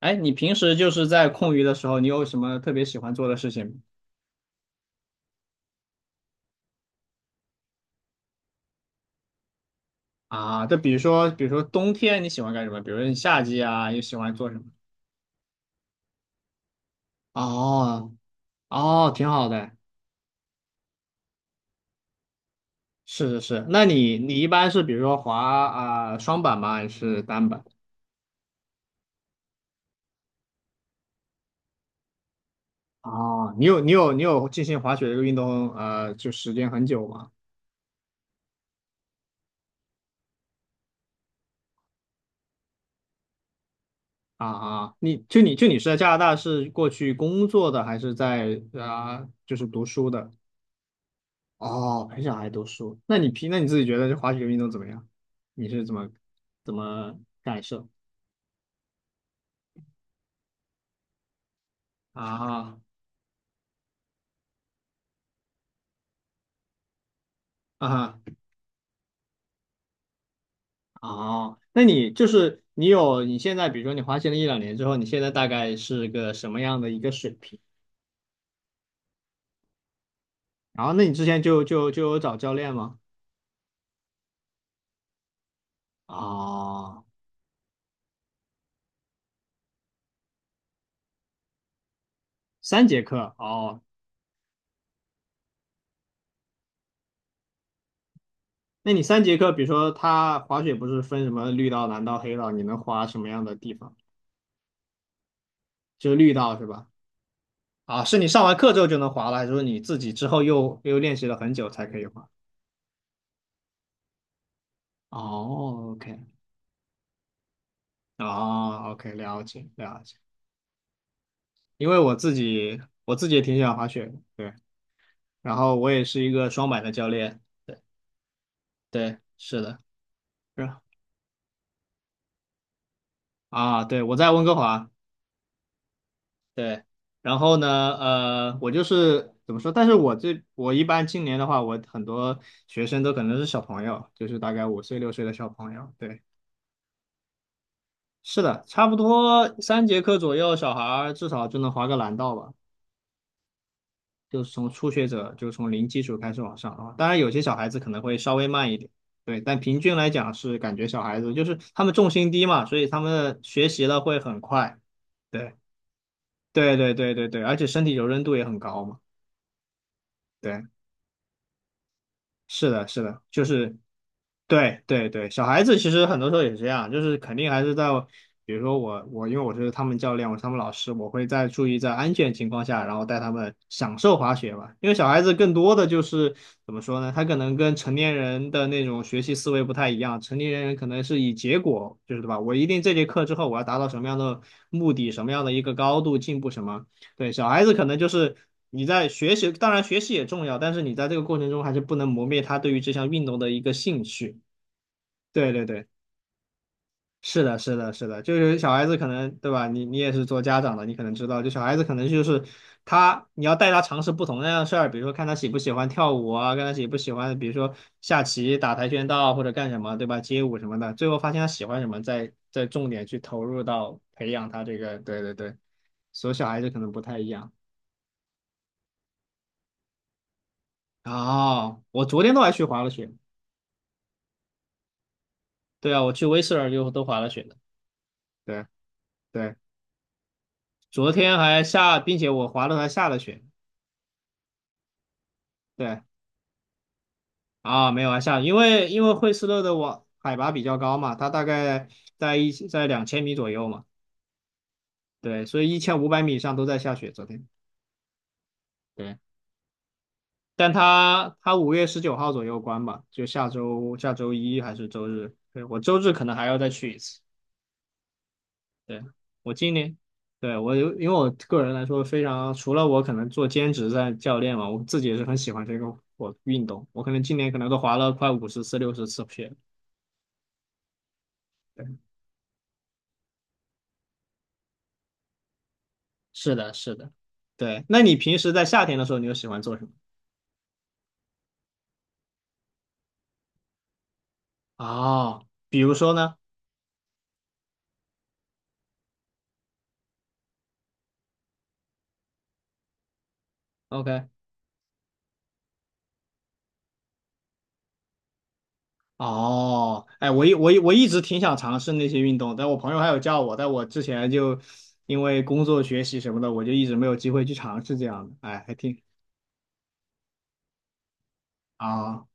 哎，你平时就是在空余的时候，你有什么特别喜欢做的事情吗？啊，就比如说，冬天你喜欢干什么？比如说你夏季啊，你喜欢做什么？哦哦，挺好的。是是是，那你一般是比如说滑双板吗？还是单板？哦，你有进行滑雪这个运动就时间很久吗？啊啊，你是在加拿大是过去工作的，还是在就是读书的？哦，陪小孩读书，那你自己觉得这滑雪运动怎么样？你是怎么感受？啊啊。哦，那你就是你有你现在，比如说你滑行了一两年之后，你现在大概是个什么样的一个水平？然后，那你之前就有找教练吗？哦，三节课哦，那你三节课，比如说他滑雪不是分什么绿道、蓝道、黑道，你能滑什么样的地方？就是绿道是吧？啊，是你上完课之后就能滑了，还是说你自己之后又练习了很久才可以滑？哦，OK，啊，OK，了解了解。因为我自己也挺喜欢滑雪的，对。然后我也是一个双板的教练，对对，是的，是啊，对，我在温哥华，对。然后呢，我就是怎么说？但是我一般今年的话，我很多学生都可能是小朋友，就是大概5岁6岁的小朋友，对。是的，差不多三节课左右，小孩儿至少就能滑个蓝道吧。就是从初学者，就是从零基础开始往上啊。当然，有些小孩子可能会稍微慢一点，对，但平均来讲是感觉小孩子就是他们重心低嘛，所以他们学习了会很快。对，对对对对对，而且身体柔韧度也很高嘛。对，是的，是的，就是对对对，小孩子其实很多时候也是这样，就是肯定还是在，比如说我因为我是他们教练，我是他们老师，我会注意在安全情况下，然后带他们享受滑雪吧。因为小孩子更多的就是怎么说呢，他可能跟成年人的那种学习思维不太一样，成年人可能是以结果，就是对吧？我一定这节课之后我要达到什么样的目的，什么样的一个高度进步什么。对，小孩子可能就是你在学习，当然学习也重要，但是你在这个过程中还是不能磨灭他对于这项运动的一个兴趣。对对对，是的，是的，是的，就是小孩子可能，对吧？你也是做家长的，你可能知道，就小孩子可能就是他，你要带他尝试不同那样的事儿，比如说看他喜不喜欢跳舞啊，看他喜不喜欢，比如说下棋、打跆拳道或者干什么，对吧？街舞什么的，最后发现他喜欢什么，再重点去投入到培养他这个，对对对，所以小孩子可能不太一样。哦，我昨天都还去滑了雪，对啊，我去威斯尔就都滑了雪的，对对，昨天还下，并且我滑了还下了雪。对，啊，没有啊，下雨因为惠斯勒的网海拔比较高嘛，它大概在2000米左右嘛，对，所以1500米以上都在下雪。昨天，对，但它5月19号左右关吧，就下周一还是周日，对，我周日可能还要再去一次。对，我今年，对，我有因为我个人来说非常，除了我可能做兼职在教练嘛，我自己也是很喜欢这个我运动，我可能今年可能都滑了快50次60次雪。是的，是的，对。那你平时在夏天的时候，你又喜欢做什么？哦，比如说呢？OK，哦，哎，我一直挺想尝试那些运动，但我朋友还有叫我，但我之前就因为工作、学习什么的，我就一直没有机会去尝试这样的。哎，还挺啊。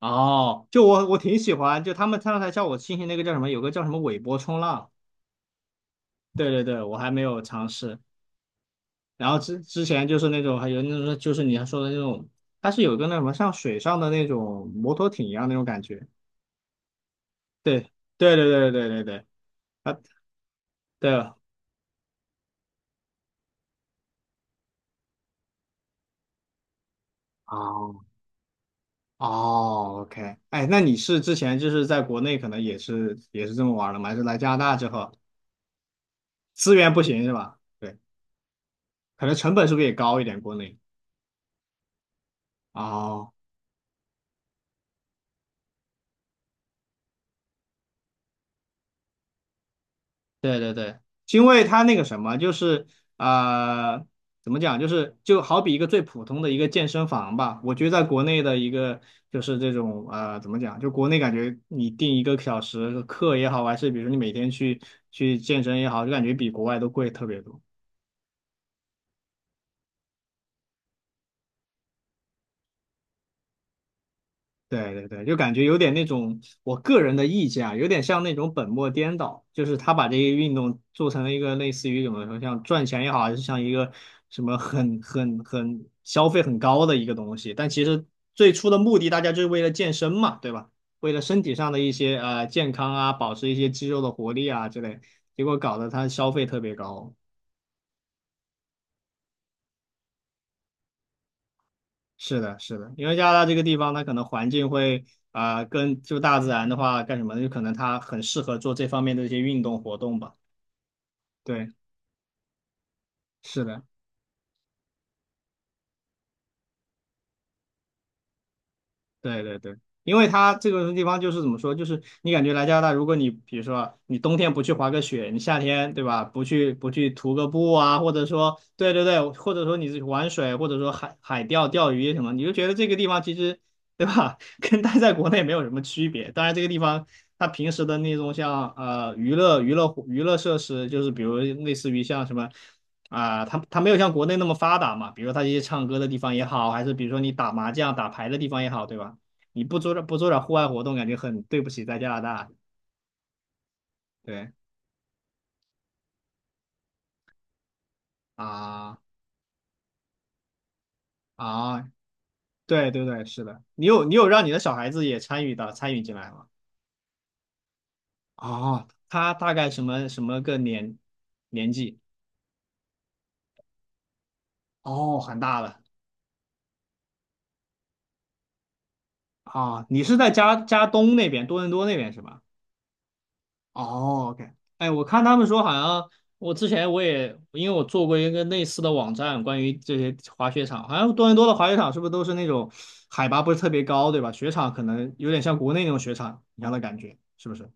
哦，就我挺喜欢，就他们刚才叫我进行那个叫什么，有个叫什么尾波冲浪，对对对，我还没有尝试。然后之前就是那种还有那种就是你还说的那种，它是有个那什么像水上的那种摩托艇一样那种感觉。对对对对对对对，啊对了。哦哦，OK，哎，那你是之前就是在国内可能也是这么玩的吗？还是来加拿大之后资源不行是吧？对，可能成本是不是也高一点？国内哦。对对对，因为它那个什么，就是啊、呃怎么讲，就是就好比一个最普通的一个健身房吧。我觉得在国内的一个就是这种怎么讲，就国内感觉你定一个小时课也好，还是比如说你每天去健身也好，就感觉比国外都贵特别多。对对对，就感觉有点那种，我个人的意见啊，有点像那种本末颠倒，就是他把这些运动做成了一个类似于怎么说，像赚钱也好，还是像一个什么很消费很高的一个东西，但其实最初的目的大家就是为了健身嘛，对吧？为了身体上的一些健康啊，保持一些肌肉的活力啊之类，结果搞得他消费特别高。是的，是的，因为加拿大这个地方，它可能环境会跟就大自然的话干什么呢？就可能它很适合做这方面的一些运动活动吧。对，是的。对对对，因为它这个地方就是怎么说，就是你感觉来加拿大，如果你比如说你冬天不去滑个雪，你夏天对吧，不去徒个步啊，或者说对对对，或者说你去玩水，或者说海钓鱼什么，你就觉得这个地方其实对吧，跟待在国内没有什么区别。当然，这个地方它平时的那种像娱乐设施，就是比如类似于像什么。啊，它没有像国内那么发达嘛，比如它一些唱歌的地方也好，还是比如说你打麻将、打牌的地方也好，对吧？你不做点户外活动，感觉很对不起在加拿大。对啊啊，对对对，是的，你有让你的小孩子也参与到参与进来吗？哦，他大概什么个年纪？哦，很大了啊，你是在加东那边，多伦多那边是吧？哦，OK，哎，我看他们说好像，我之前我也因为我做过一个类似的网站，关于这些滑雪场，好像多伦多的滑雪场是不是都是那种海拔不是特别高，对吧？雪场可能有点像国内那种雪场一样的感觉，是不是？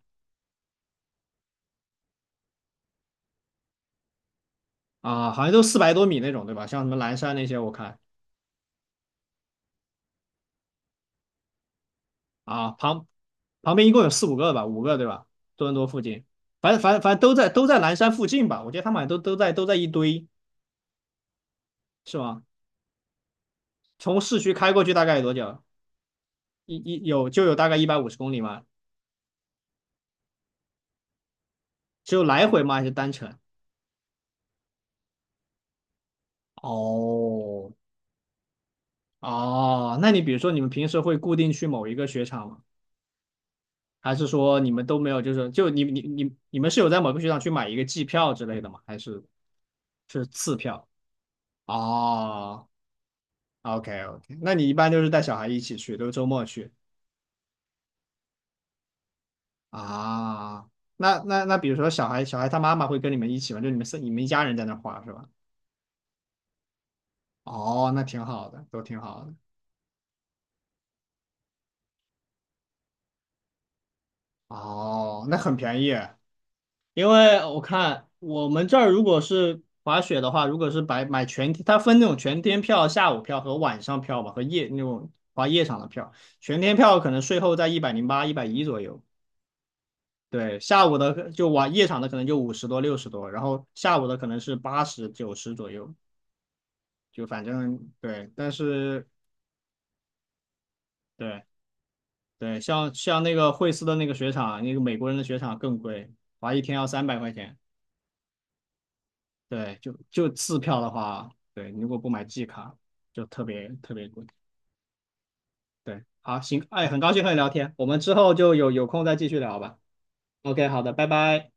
啊，好像都400多米那种，对吧？像什么蓝山那些，我看啊，旁边一共有四五个吧，五个对吧？多伦多附近，反正都在蓝山附近吧，我觉得他们好像都在一堆，是吗？从市区开过去大概有多久？一一有就有大概150公里嘛，只有来回吗？还是单程？哦哦，那你比如说你们平时会固定去某一个雪场吗？还是说你们都没有？就是就你们是有在某个雪场去买一个季票之类的吗？还是次票？哦，OK OK，那你一般就是带小孩一起去，都是周末去啊？那比如说小孩他妈妈会跟你们一起吗？就你们是你们一家人在那儿花是吧？哦，那挺好的，都挺好的。哦，那很便宜。因为我看我们这儿如果是滑雪的话，如果是买全天，它分那种全天票、下午票和晚上票吧，和夜那种滑夜场的票。全天票可能税后在108、110左右。对，下午的就晚夜场的可能就50多、60多，然后下午的可能是80、90左右，就反正对。但是对对，像那个惠斯的那个雪场，那个美国人的雪场更贵，滑一天要300块钱。对，就次票的话，对，你如果不买季卡，就特别特别贵。对，好，行，哎，很高兴和你聊天，我们之后就有空再继续聊吧。OK，好的，拜拜。